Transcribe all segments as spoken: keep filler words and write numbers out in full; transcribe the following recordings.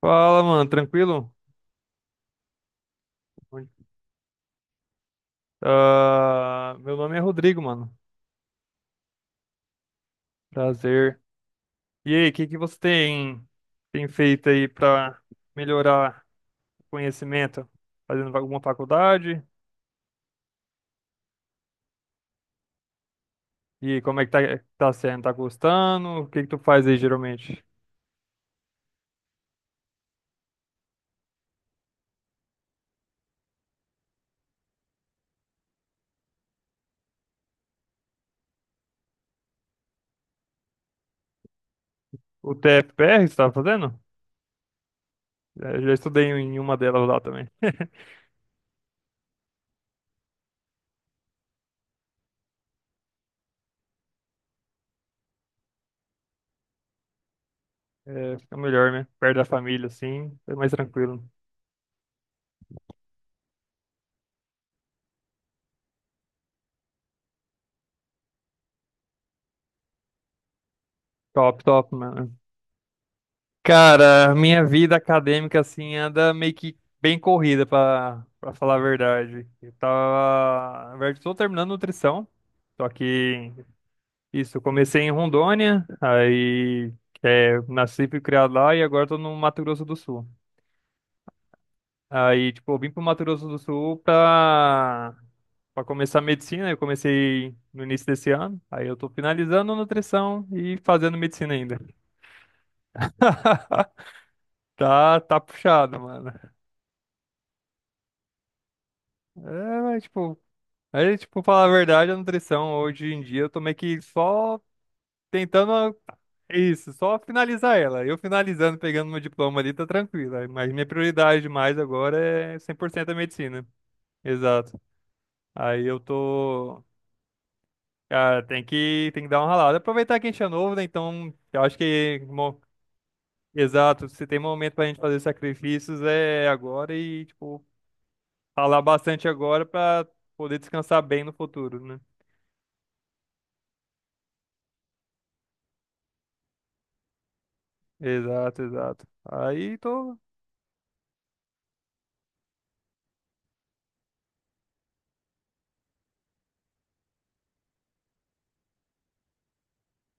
Fala, mano, tranquilo? Ah, meu nome é Rodrigo, mano. Prazer. E aí, o que que você tem, tem feito aí pra melhorar o conhecimento? Fazendo alguma faculdade? E como é que tá, tá sendo? Tá gostando? O que que tu faz aí geralmente? O T F P R você tá fazendo? É, já estudei em uma delas lá também. É, fica melhor, né? Perto da família, assim, é mais tranquilo. Top, top, mano. Cara, minha vida acadêmica assim anda meio que bem corrida pra para falar a verdade. Eu tava, na verdade, tô terminando nutrição, só que isso, eu comecei em Rondônia, aí é, nasci e fui criado lá e agora tô no Mato Grosso do Sul. Aí, tipo, eu vim pro Mato Grosso do Sul pra para começar medicina, eu comecei no início desse ano. Aí eu tô finalizando nutrição e fazendo medicina ainda. Tá, tá puxado, mano. É, mas, tipo, aí, tipo, falar a verdade, a nutrição hoje em dia eu tô meio que só tentando a- isso, só finalizar ela. Eu finalizando, pegando meu diploma ali, tá tranquilo. Aí, mas minha prioridade mais agora é cem por cento a medicina. Exato. Aí eu tô. Cara, tem que, tem que dar uma ralada. Aproveitar que a gente é novo, né? Então, eu acho que. Mo- exato, se tem momento pra gente fazer sacrifícios é agora e, tipo, ralar bastante agora pra poder descansar bem no futuro, né? Exato, exato. Aí tô.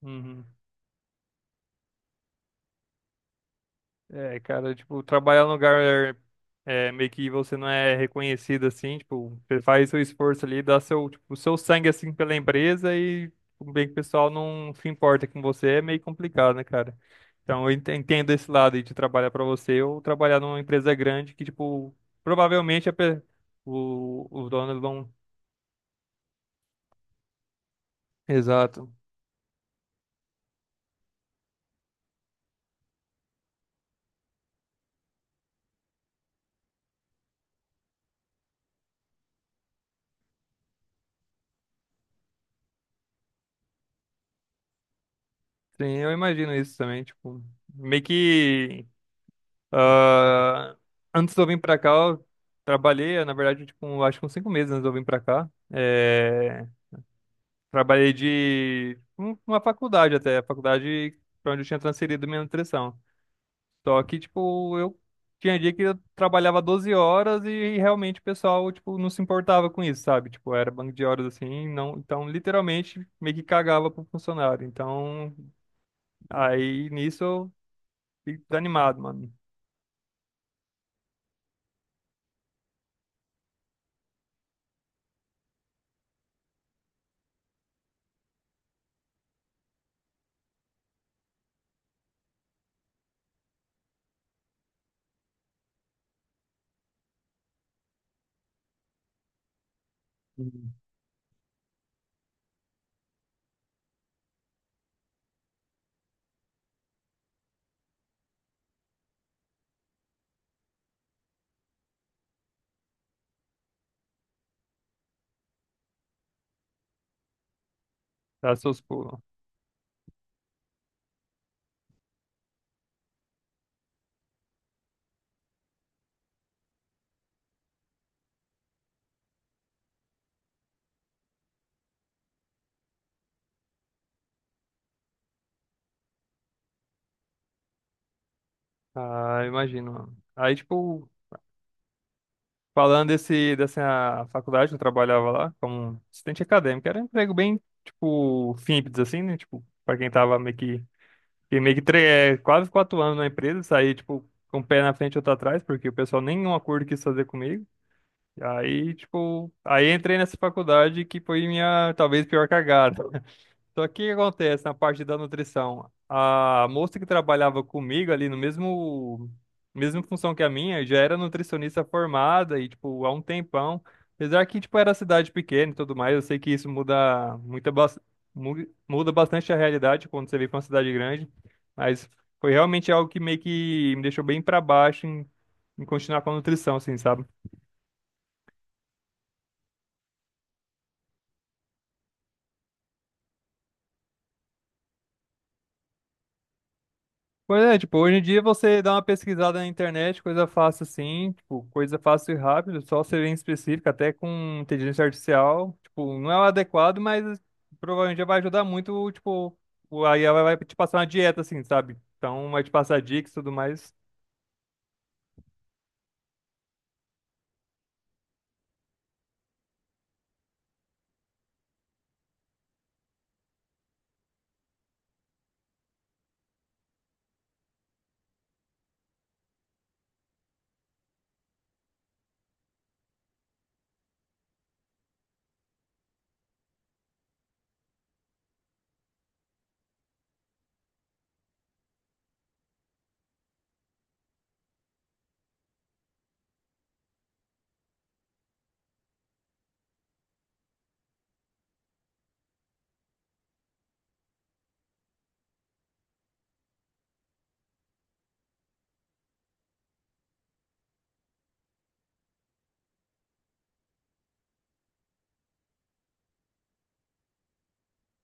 Uhum. É, cara, tipo, trabalhar num lugar é, meio que você não é reconhecido assim, tipo, você faz seu esforço ali, dá seu, tipo, seu sangue assim pela empresa e tipo, bem que o pessoal não se importa com você, é meio complicado, né, cara? Então eu enten- entendo esse lado aí de trabalhar pra você ou trabalhar numa empresa grande que, tipo, provavelmente a pe- o, os donos vão. Exato. Sim, eu imagino isso também, tipo, meio que. Ah, antes de eu vir pra cá, eu trabalhei, na verdade, tipo, acho que uns cinco meses antes de eu vir pra cá. É, trabalhei de um- uma faculdade até, a faculdade pra onde eu tinha transferido minha nutrição. Só que, tipo, eu tinha dia que eu trabalhava doze horas e realmente o pessoal, tipo, não se importava com isso, sabe? Tipo, era banco de horas assim, não, então literalmente meio que cagava pro funcionário. Então, aí nisso eu fiquei desanimado, mano. Uhum. Dá seus pulos. Ah, imagino. Aí, tipo, falando desse, dessa faculdade que eu trabalhava lá, como assistente acadêmico, era um emprego bem, tipo, simples, assim, né? Tipo, pra quem tava meio que, que meio que tre- é, quase quatro anos na empresa, saí, tipo, com o pé na frente e outro atrás, porque o pessoal nenhum acordo quis fazer comigo. E aí, tipo, aí entrei nessa faculdade que foi minha, talvez, pior cagada. Só que o que acontece na parte da nutrição? A moça que trabalhava comigo ali no mesmo, mesma função que a minha, já era nutricionista formada e, tipo, há um tempão. Apesar que, tipo, era cidade pequena e tudo mais, eu sei que isso muda muita, bas- mu- muda bastante a realidade quando você vem pra uma cidade grande. Mas foi realmente algo que meio que me deixou bem pra baixo em, em continuar com a nutrição, assim, sabe? Pois é, tipo, hoje em dia você dá uma pesquisada na internet, coisa fácil assim, tipo, coisa fácil e rápido, só ser bem específica, até com inteligência artificial, tipo, não é o adequado, mas provavelmente já vai ajudar muito, tipo, o a I A vai vai te passar uma dieta assim, sabe? Então vai te passar dicas e tudo mais,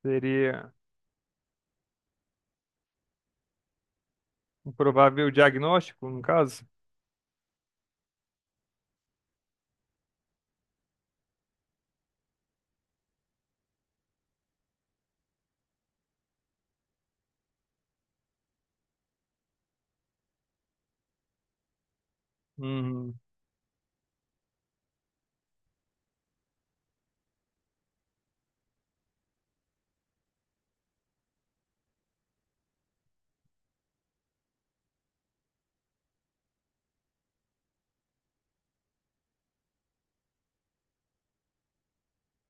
seria um provável diagnóstico, no caso. Uhum.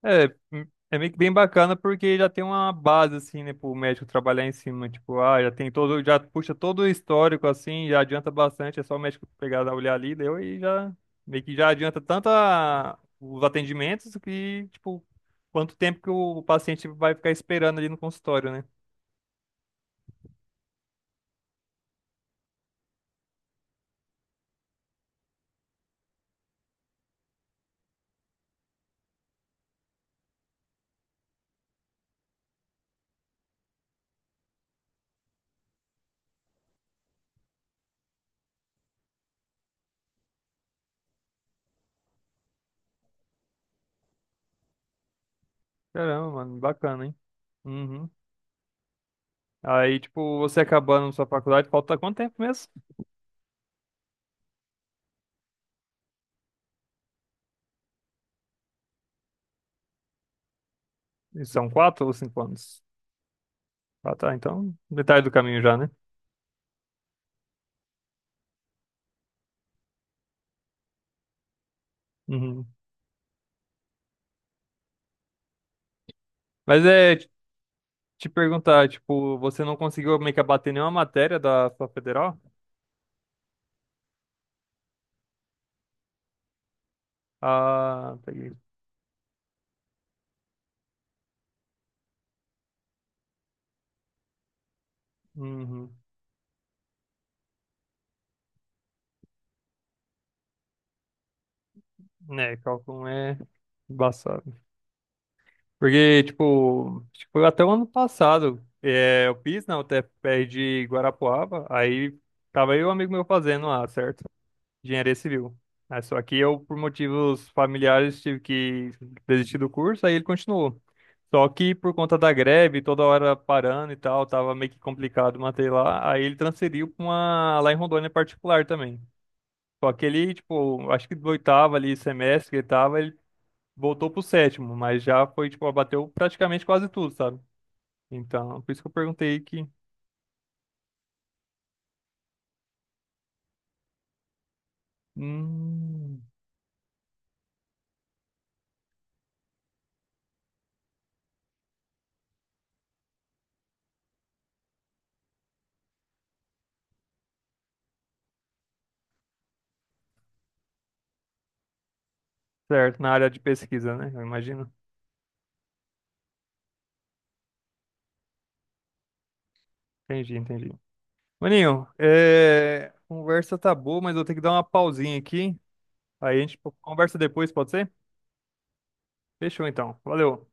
É, é meio que bem bacana porque já tem uma base, assim, né, pro médico trabalhar em cima. Tipo, ah, já tem todo, já puxa todo o histórico, assim, já adianta bastante. É só o médico pegar, dar olhar ali, deu e já, meio que já adianta tanto a- os atendimentos que, tipo, quanto tempo que o paciente vai ficar esperando ali no consultório, né? Caramba, mano, bacana, hein? Uhum. Aí, tipo, você acabando sua faculdade, falta quanto tempo mesmo? São quatro ou cinco anos? Ah, tá, então, metade do caminho já, né? Uhum. Mas é. Te perguntar, tipo, você não conseguiu meio que abater nenhuma matéria da sua federal? Ah, peguei. Uhum. É, cálculo um é embaçado. Porque, tipo, acho que foi até o ano passado, é, eu fiz na U T F P R de Guarapuava, aí tava eu e um amigo meu fazendo lá, certo? Engenharia civil. Né? Só que eu, por motivos familiares, tive que desistir do curso, aí ele continuou. Só que por conta da greve, toda hora parando e tal, tava meio que complicado manter lá, aí ele transferiu para uma lá em Rondônia particular também. Só que ele, tipo, acho que do oitavo ali, semestre que ele tava, ele voltou pro sétimo, mas já foi, tipo, abateu praticamente quase tudo, sabe? Então, por isso que eu perguntei que, hum, certo, na área de pesquisa, né? Eu imagino. Entendi, entendi. Maninho, é, conversa tá boa, mas eu vou ter que dar uma pausinha aqui. Aí a gente conversa depois, pode ser? Fechou então. Valeu.